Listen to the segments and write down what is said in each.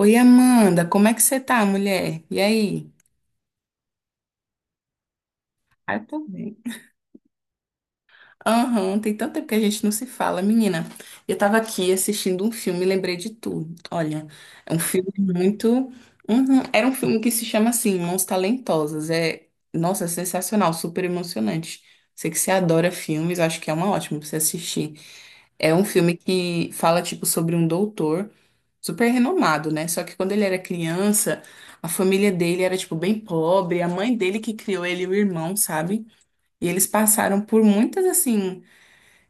Oi, Amanda, como é que você tá, mulher? E aí? Ah, eu tô bem. Aham, tem tanto tempo que a gente não se fala, menina. Eu tava aqui assistindo um filme e lembrei de tudo. Olha, é um filme muito. Uhum. Era um filme que se chama assim, Mãos Talentosas. É, nossa, é sensacional, super emocionante. Sei que você adora filmes, acho que é uma ótima pra você assistir. É um filme que fala, tipo, sobre um doutor super renomado, né? Só que quando ele era criança, a família dele era, tipo, bem pobre, a mãe dele que criou ele e o irmão, sabe? E eles passaram por muitas, assim,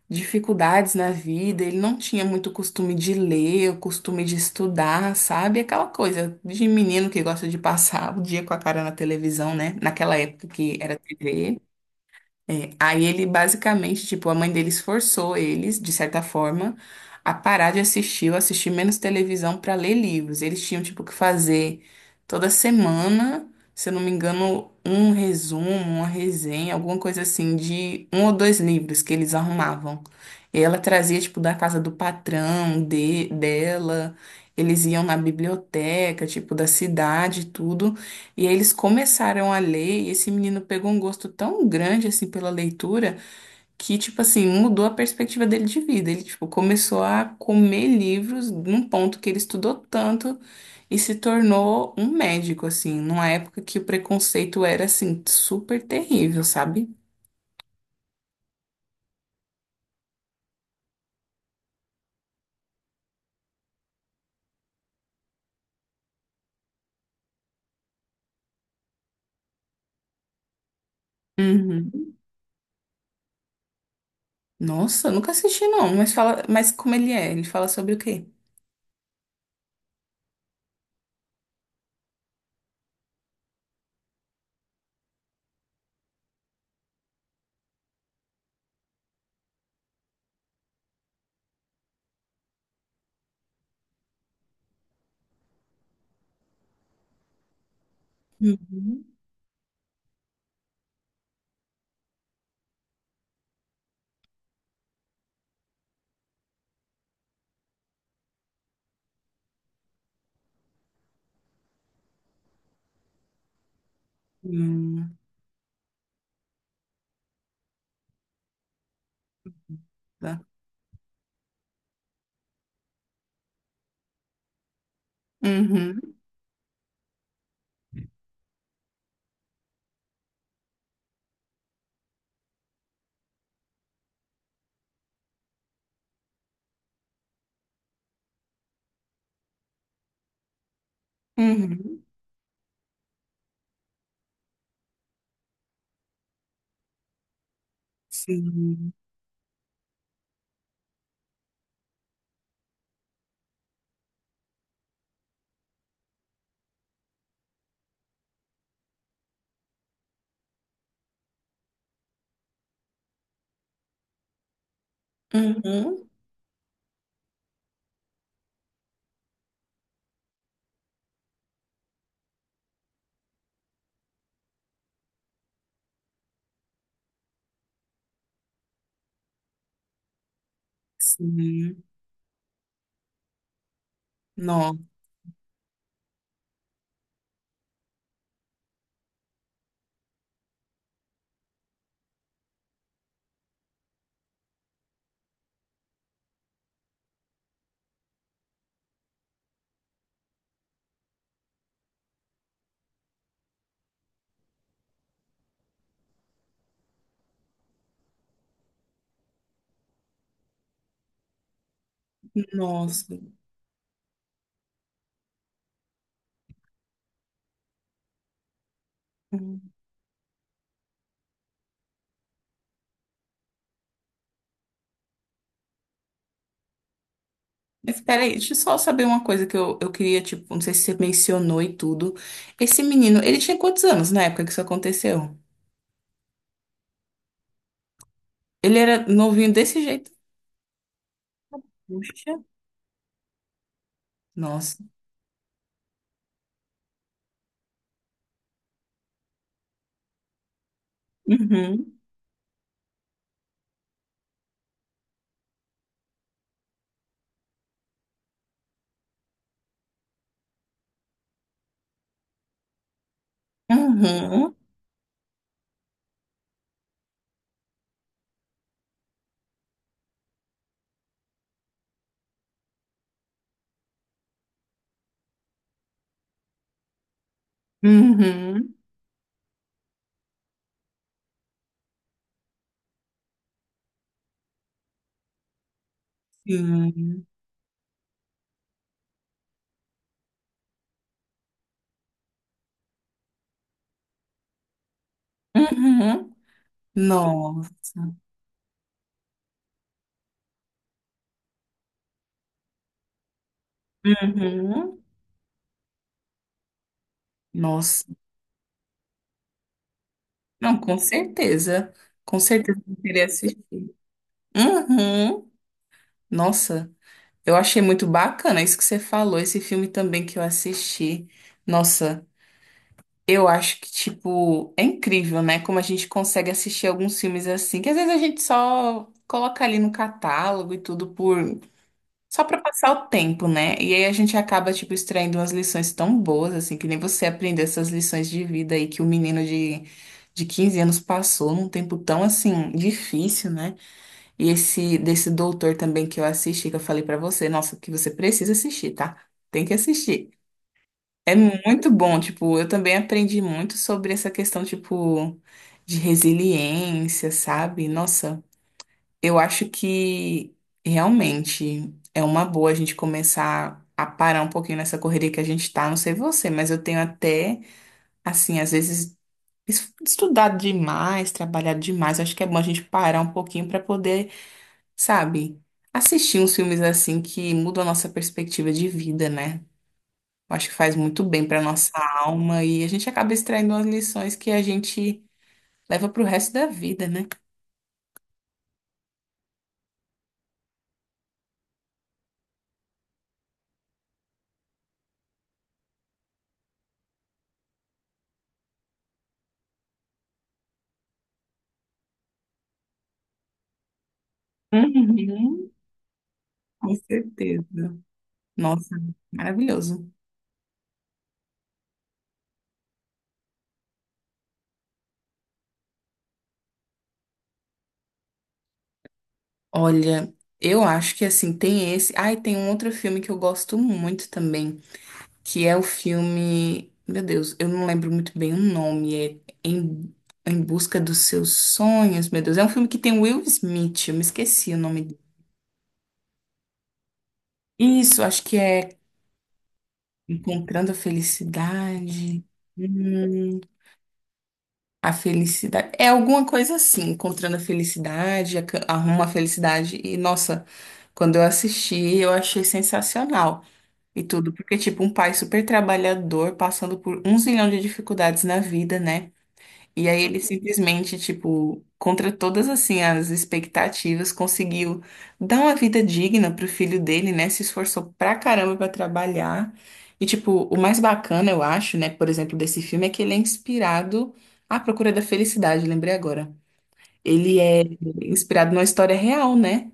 dificuldades na vida. Ele não tinha muito costume de ler, o costume de estudar, sabe? Aquela coisa de menino que gosta de passar o dia com a cara na televisão, né? Naquela época que era TV. É, aí ele basicamente, tipo, a mãe deles forçou eles, de certa forma, a parar de assistir, ou assistir menos televisão para ler livros. Eles tinham, tipo, que fazer toda semana, se eu não me engano, um resumo, uma resenha, alguma coisa assim, de um ou dois livros que eles arrumavam. E ela trazia, tipo, da casa do patrão, de, dela, eles iam na biblioteca, tipo, da cidade, e tudo. E aí eles começaram a ler, e esse menino pegou um gosto tão grande assim pela leitura que, tipo assim, mudou a perspectiva dele de vida. Ele, tipo, começou a comer livros num ponto que ele estudou tanto e se tornou um médico, assim, numa época que o preconceito era, assim, super terrível, sabe? Uhum. Nossa, eu nunca assisti não, mas fala, mas como ele é? Ele fala sobre o quê? Uhum. Hum, tá. Uhum, uhum, sim, uhum, sim. No- Nossa. Hum. Mas peraí, deixa eu só saber uma coisa que eu queria, tipo, não sei se você mencionou e tudo. Esse menino, ele tinha quantos anos na época que isso aconteceu? Ele era novinho desse jeito? Puxa. Nossa. Uhum. Uhum. Uhum. Sim. Uhum. Nossa. Uhum. Nossa. Não, com certeza. Com certeza eu queria assistir. Uhum. Nossa. Eu achei muito bacana isso que você falou, esse filme também que eu assisti. Nossa, eu acho que, tipo, é incrível, né? Como a gente consegue assistir alguns filmes assim, que às vezes a gente só coloca ali no catálogo e tudo por. Só pra passar o tempo, né? E aí a gente acaba, tipo, extraindo umas lições tão boas, assim, que nem você aprendeu essas lições de vida aí que o menino de 15 anos passou num tempo tão, assim, difícil, né? E esse desse doutor também que eu assisti, que eu falei pra você, nossa, que você precisa assistir, tá? Tem que assistir. É muito bom, tipo, eu também aprendi muito sobre essa questão, tipo, de resiliência, sabe? Nossa, eu acho que realmente é uma boa a gente começar a parar um pouquinho nessa correria que a gente tá, não sei você, mas eu tenho até, assim, às vezes estudado demais, trabalhado demais, acho que é bom a gente parar um pouquinho pra poder, sabe, assistir uns filmes assim que mudam a nossa perspectiva de vida, né? Eu acho que faz muito bem pra nossa alma e a gente acaba extraindo umas lições que a gente leva pro resto da vida, né? Uhum, com certeza. Nossa, maravilhoso. Olha, eu acho que assim, tem esse. Ai, tem um outro filme que eu gosto muito também. Que é o filme. Meu Deus, eu não lembro muito bem o nome. É Em, em Busca dos Seus Sonhos, meu Deus. É um filme que tem Will Smith, eu me esqueci o nome dele. Isso, acho que é Encontrando a Felicidade. Hum, a felicidade. É alguma coisa assim, Encontrando a Felicidade, Arruma a Felicidade. E, nossa, quando eu assisti, eu achei sensacional. E tudo, porque, tipo, um pai super trabalhador, passando por um zilhão de dificuldades na vida, né? E aí ele simplesmente, tipo, contra todas assim as expectativas, conseguiu dar uma vida digna pro filho dele, né? Se esforçou pra caramba pra trabalhar. E tipo, o mais bacana, eu acho, né, por exemplo, desse filme é que ele é inspirado à Procura da Felicidade, lembrei agora. Ele é inspirado numa história real, né?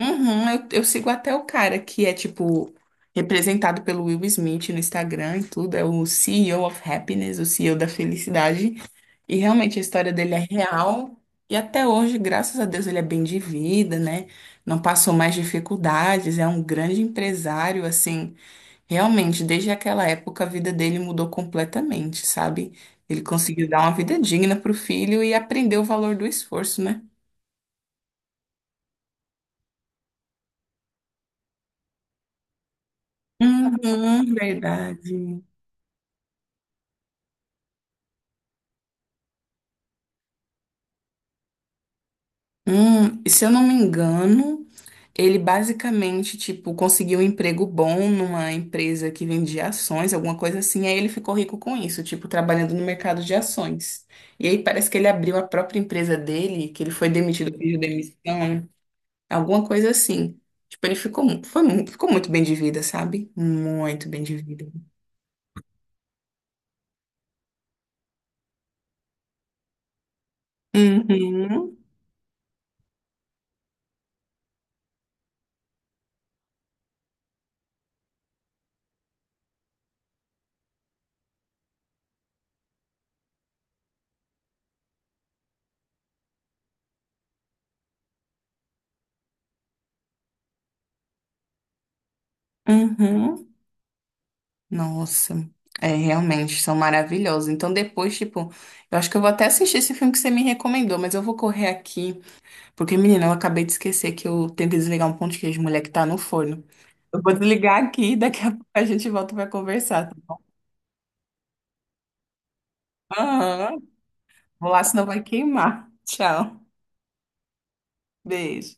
Uhum, eu sigo até o cara que é, tipo, representado pelo Will Smith no Instagram e tudo, é o CEO of Happiness, o CEO da Felicidade. E realmente a história dele é real. E até hoje, graças a Deus, ele é bem de vida, né? Não passou mais dificuldades, é um grande empresário, assim. Realmente, desde aquela época, a vida dele mudou completamente, sabe? Ele conseguiu dar uma vida digna pro filho e aprendeu o valor do esforço, né? Uhum, verdade. E se eu não me engano, ele basicamente, tipo, conseguiu um emprego bom numa empresa que vendia ações, alguma coisa assim, aí ele ficou rico com isso, tipo, trabalhando no mercado de ações. E aí parece que ele abriu a própria empresa dele, que ele foi demitido, pediu demissão, alguma coisa assim. Tipo, ele ficou, foi, ficou muito bem de vida, sabe? Muito bem de vida. Uhum, uhum. Nossa, é realmente são maravilhosos. Então depois, tipo, eu acho que eu vou até assistir esse filme que você me recomendou, mas eu vou correr aqui, porque menina, eu acabei de esquecer que eu tenho que desligar um pão de queijo, mulher, que tá no forno. Eu vou desligar aqui, daqui a pouco a gente volta pra conversar, tá bom? Aham. Vou lá, senão vai queimar. Tchau. Beijo.